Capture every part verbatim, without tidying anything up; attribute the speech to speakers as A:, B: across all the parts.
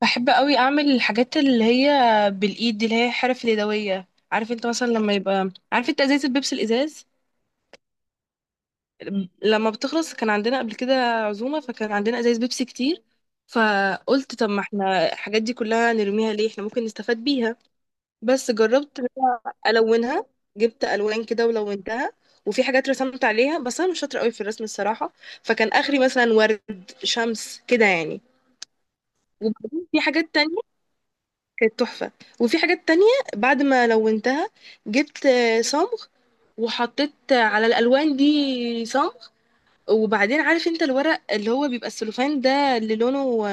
A: بحب قوي اعمل الحاجات اللي هي بالايد، دي اللي هي حرف اليدويه. عارف انت مثلا لما يبقى عارف انت ازازه البيبسي، الازاز لما بتخلص؟ كان عندنا قبل كده عزومه فكان عندنا ازايز بيبسي كتير، فقلت طب ما احنا الحاجات دي كلها نرميها ليه، احنا ممكن نستفاد بيها. بس جربت إن أنا الونها، جبت الوان كده ولونتها، وفي حاجات رسمت عليها بس انا مش شاطره قوي في الرسم الصراحه. فكان اخري مثلا ورد، شمس كده يعني. وبعدين في حاجات تانية كانت تحفة. وفي حاجات تانية بعد ما لونتها جبت آه، صمغ، وحطيت آه، على الألوان دي صمغ. وبعدين عارف انت الورق اللي هو بيبقى السلوفان ده، اللي لونه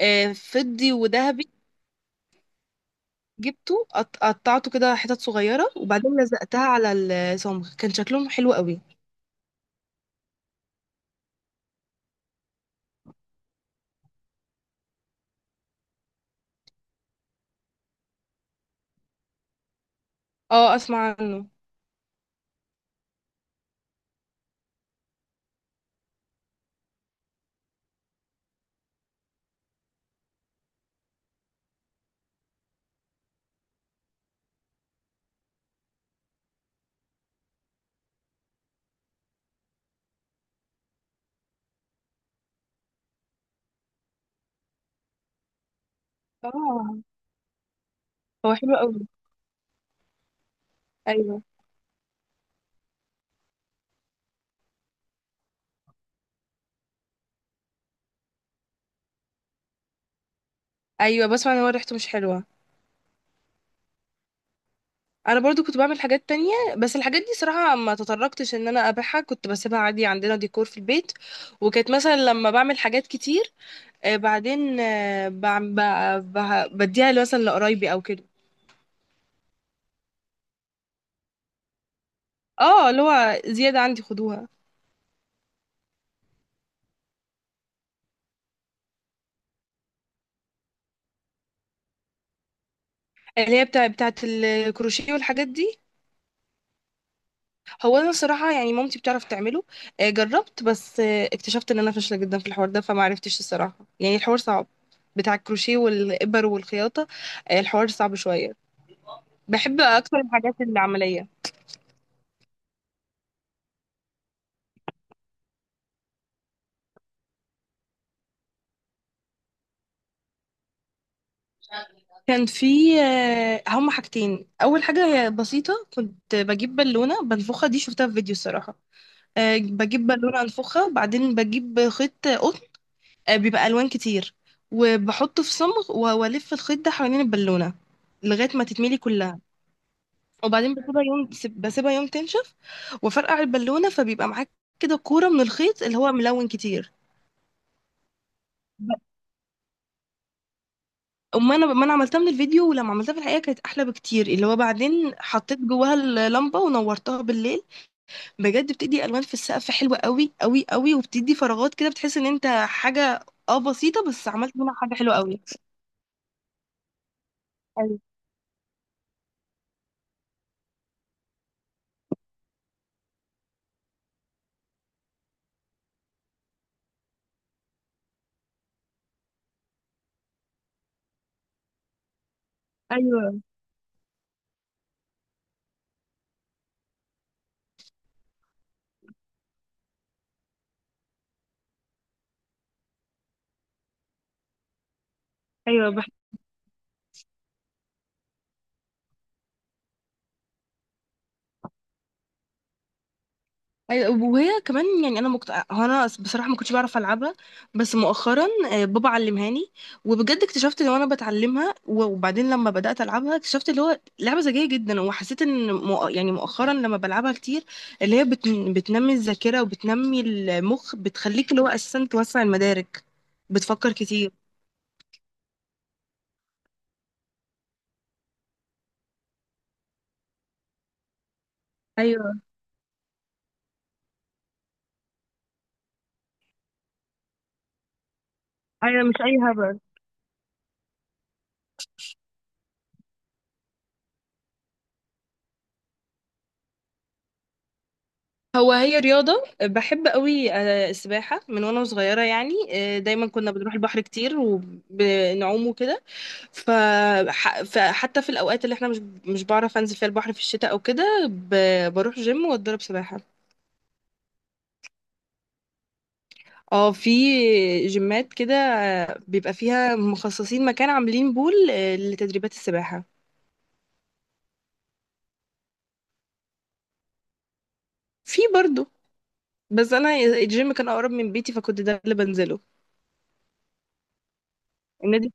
A: آه، فضي وذهبي، جبته قط- قطعته كده حتت صغيرة وبعدين لزقتها على الصمغ. كان شكلهم حلو قوي. اه، اسمع عنه. اه هو حلو قوي. ايوه، ايوه بسمع ان هو ريحته مش حلوة. انا برضو كنت بعمل حاجات تانية بس الحاجات دي صراحة ما تطرقتش ان انا ابيعها، كنت بسيبها عادي عندنا ديكور في البيت. وكانت مثلا لما بعمل حاجات كتير آه، بعدين آه، بعم- ب- ب- بديها مثلا لقرايبي او كده. اه اللي هو زيادة عندي خدوها. اللي هي بتاع بتاعت الكروشيه والحاجات دي. هو انا الصراحة يعني مامتي بتعرف تعمله. آه، جربت بس آه، اكتشفت ان انا فاشلة جدا في الحوار ده، فما عرفتش الصراحة يعني الحوار صعب، بتاع الكروشيه والإبر والخياطة. آه، الحوار صعب شوية. بحب اكتر الحاجات العمليه. كان في آه، هما حاجتين. اول حاجه هي بسيطه، كنت بجيب بالونه بنفخها، دي شفتها في فيديو الصراحه. آه، بجيب بالونه انفخها وبعدين بجيب خيط قطن، آه، بيبقى الوان كتير، وبحطه في صمغ و- والف الخيط ده حوالين البالونه لغايه ما تتملي كلها. وبعدين بسيبها يوم، بسيبها يوم تنشف، وفرقع البالونه فبيبقى معاك كده كوره من الخيط اللي هو ملون كتير. أما أنا ما أنا عملتها من الفيديو، ولما عملتها في الحقيقة كانت أحلى بكتير، اللي هو بعدين حطيت جواها اللمبة ونورتها بالليل. بجد بتدي ألوان في السقف حلوة قوي قوي قوي، وبتدي فراغات كده، بتحس إن أنت حاجة اه بسيطة بس عملت منها حاجة حلوة قوي. ايوه، ايوه، ايوه. أيوة، وهي كمان يعني انا مكت... هو انا بصراحه ما كنتش بعرف العبها، بس مؤخرا آه، بابا علمهاني، وبجد اكتشفت ان انا بتعلمها و- وبعدين لما بدات العبها اكتشفت اللي هو لعبه ذكيه جدا. وحسيت ان مؤ... يعني مؤخرا لما بلعبها كتير، اللي هي بت... بتنمي الذاكره وبتنمي المخ، بتخليك اللي هو اساسا توسع المدارك، بتفكر كتير. ايوه، ايوه مش اي هبل. هو هي رياضة بحب قوي آه، السباحة من وانا صغيرة يعني، آه، دايما كنا بنروح البحر كتير وبنعوم وكده. ف- ح- فحتى في الأوقات اللي احنا مش مش بعرف انزل فيها البحر في الشتاء او كده، ب- بروح جيم واتدرب سباحة. اه، في جيمات كده آه، بيبقى فيها مخصصين مكان عاملين بول آه، لتدريبات السباحة. في برضو، بس انا الجيم كان اقرب من بيتي فكنت ده اللي بنزله النادي.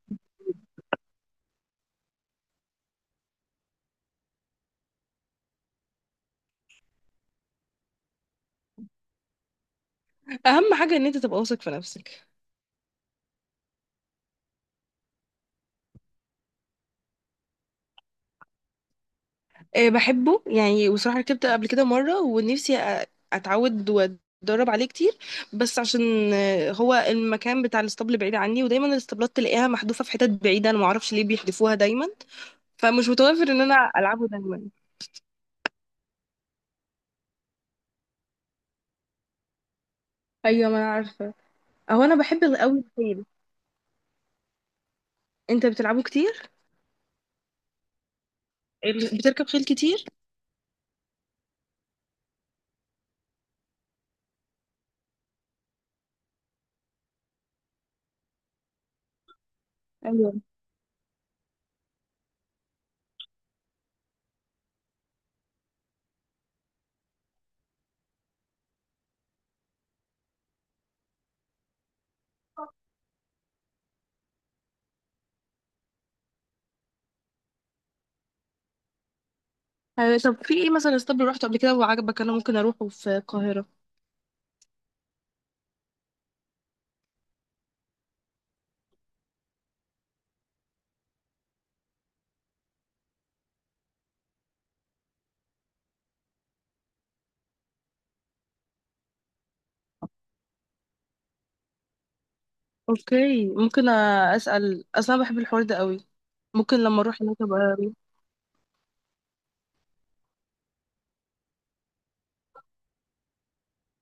A: اهم حاجة ان انت تبقى واثق في نفسك. آه، بحبه يعني، وصراحة ركبت قبل كده مرة ونفسي أ- أتعود وأتدرب عليه كتير، بس عشان آه، هو المكان بتاع الاسطبل بعيد عني، ودايما الاسطبلات تلاقيها محذوفة في حتت بعيدة، أنا معرفش ليه بيحذفوها دايما، فمش متوفر إن أنا ألعبه دايما. أيوة ما أنا عارفة. أهو أنا بحب قوي الخيل. أنت بتلعبه كتير؟ ال- بتركب خيل كتير؟ ايوه. آه، طب في ايه مثلا اسطبل رحته قبل كده وعجبك انا ممكن اروحه في القاهرة؟ اوكي، ممكن أ- اسال، اصلا بحب الحوار ده قوي. ممكن لما اروح هناك ابقى.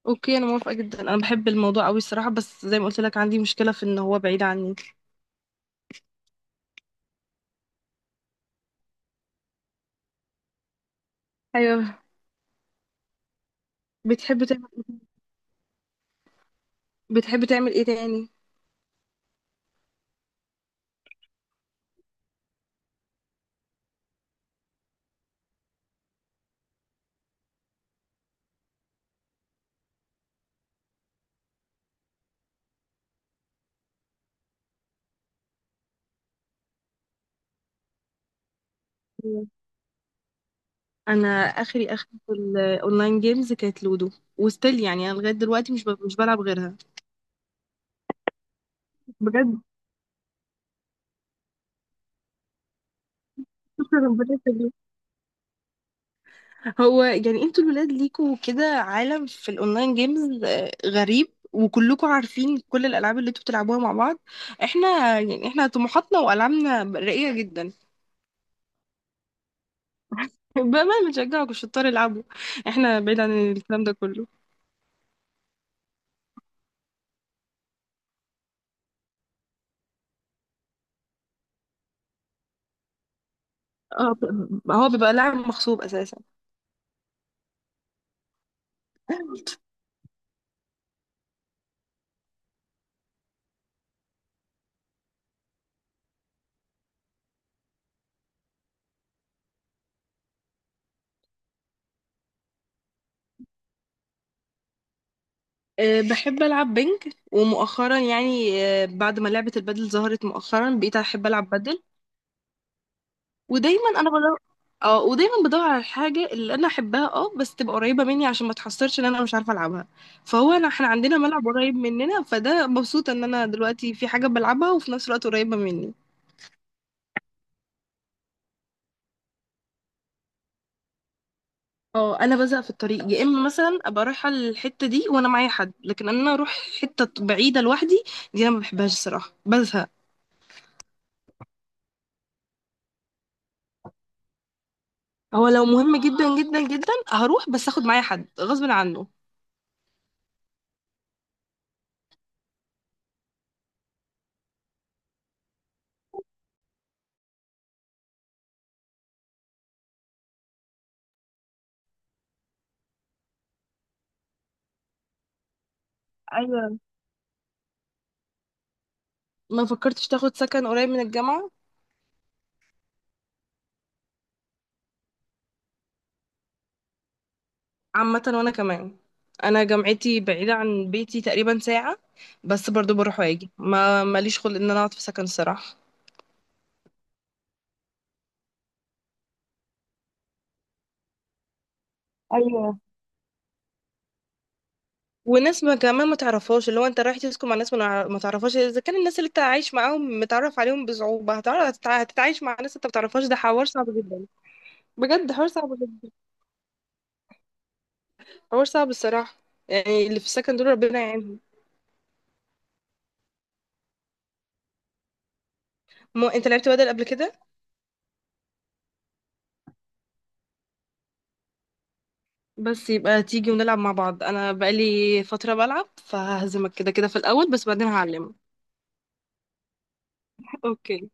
A: اوكي انا موافقه جدا، انا بحب الموضوع قوي الصراحه، بس زي ما قلت لك عندي مشكله في ان هو بعيد عني. ايوه. بتحب تعمل، بتحب تعمل ايه تاني؟ مم. انا اخري اخري في الاونلاين جيمز كانت لودو، وستيل يعني انا لغايه دلوقتي مش ب... مش بلعب غيرها. بجد شكرا ربنا يخليك. هو يعني انتوا الولاد ليكوا كده عالم في الاونلاين جيمز آه، غريب، وكلكم عارفين كل الالعاب اللي انتوا بتلعبوها مع بعض. احنا يعني احنا طموحاتنا والعابنا راقيه جدا. بأمانة بنشجعه الشطار يلعبوا، احنا بعيد عن الكلام ده كله. اه ب- هو بيبقى لاعب مغصوب اساسا. أه بحب العب بنج، ومؤخرا يعني أه بعد ما لعبة البادل ظهرت مؤخرا بقيت احب العب بادل. ودايما انا بدور، اه ودايما بدور على الحاجة اللي انا احبها اه، بس تبقى قريبة مني عشان ما تحصرش ان انا مش عارفة العبها. فهو انا احنا عندنا ملعب قريب مننا، فده مبسوطة ان انا دلوقتي في حاجة بلعبها وفي نفس الوقت قريبة مني. اه انا بزهق في الطريق، يا اما مثلا ابقى رايحه الحته دي وانا معايا حد، لكن انا اروح حته بعيده لوحدي دي انا ما بحبهاش الصراحه، بزهق. هو لو مهم جدا جدا جدا هروح بس اخد معايا حد غصب عنه. ايوه. ما فكرتش تاخد سكن قريب من الجامعه؟ عامه وانا كمان، انا جامعتي بعيده عن بيتي تقريبا ساعه، بس برضو بروح واجي، ما ماليش خلق ان انا اقعد في سكن الصراحه. ايوه. وناس ما كمان ما تعرفهاش، اللي هو انت رايح تسكن مع ناس ما نع- ما تعرفهاش، اذا كان الناس اللي انت عايش معاهم متعرف عليهم بصعوبة، هتعرف هتتع- هتتعايش مع ناس انت ما تعرفهاش؟ ده حوار صعب جدا. بجد حوار صعب جدا، حوار صعب الصراحة. يعني اللي في السكن دول ربنا يعينهم. مو انت لعبت بدل قبل كده؟ بس يبقى تيجي ونلعب مع بعض، انا بقالي فترة بلعب فههزمك كده كده في الاول بس بعدين هعلمك. اوكي.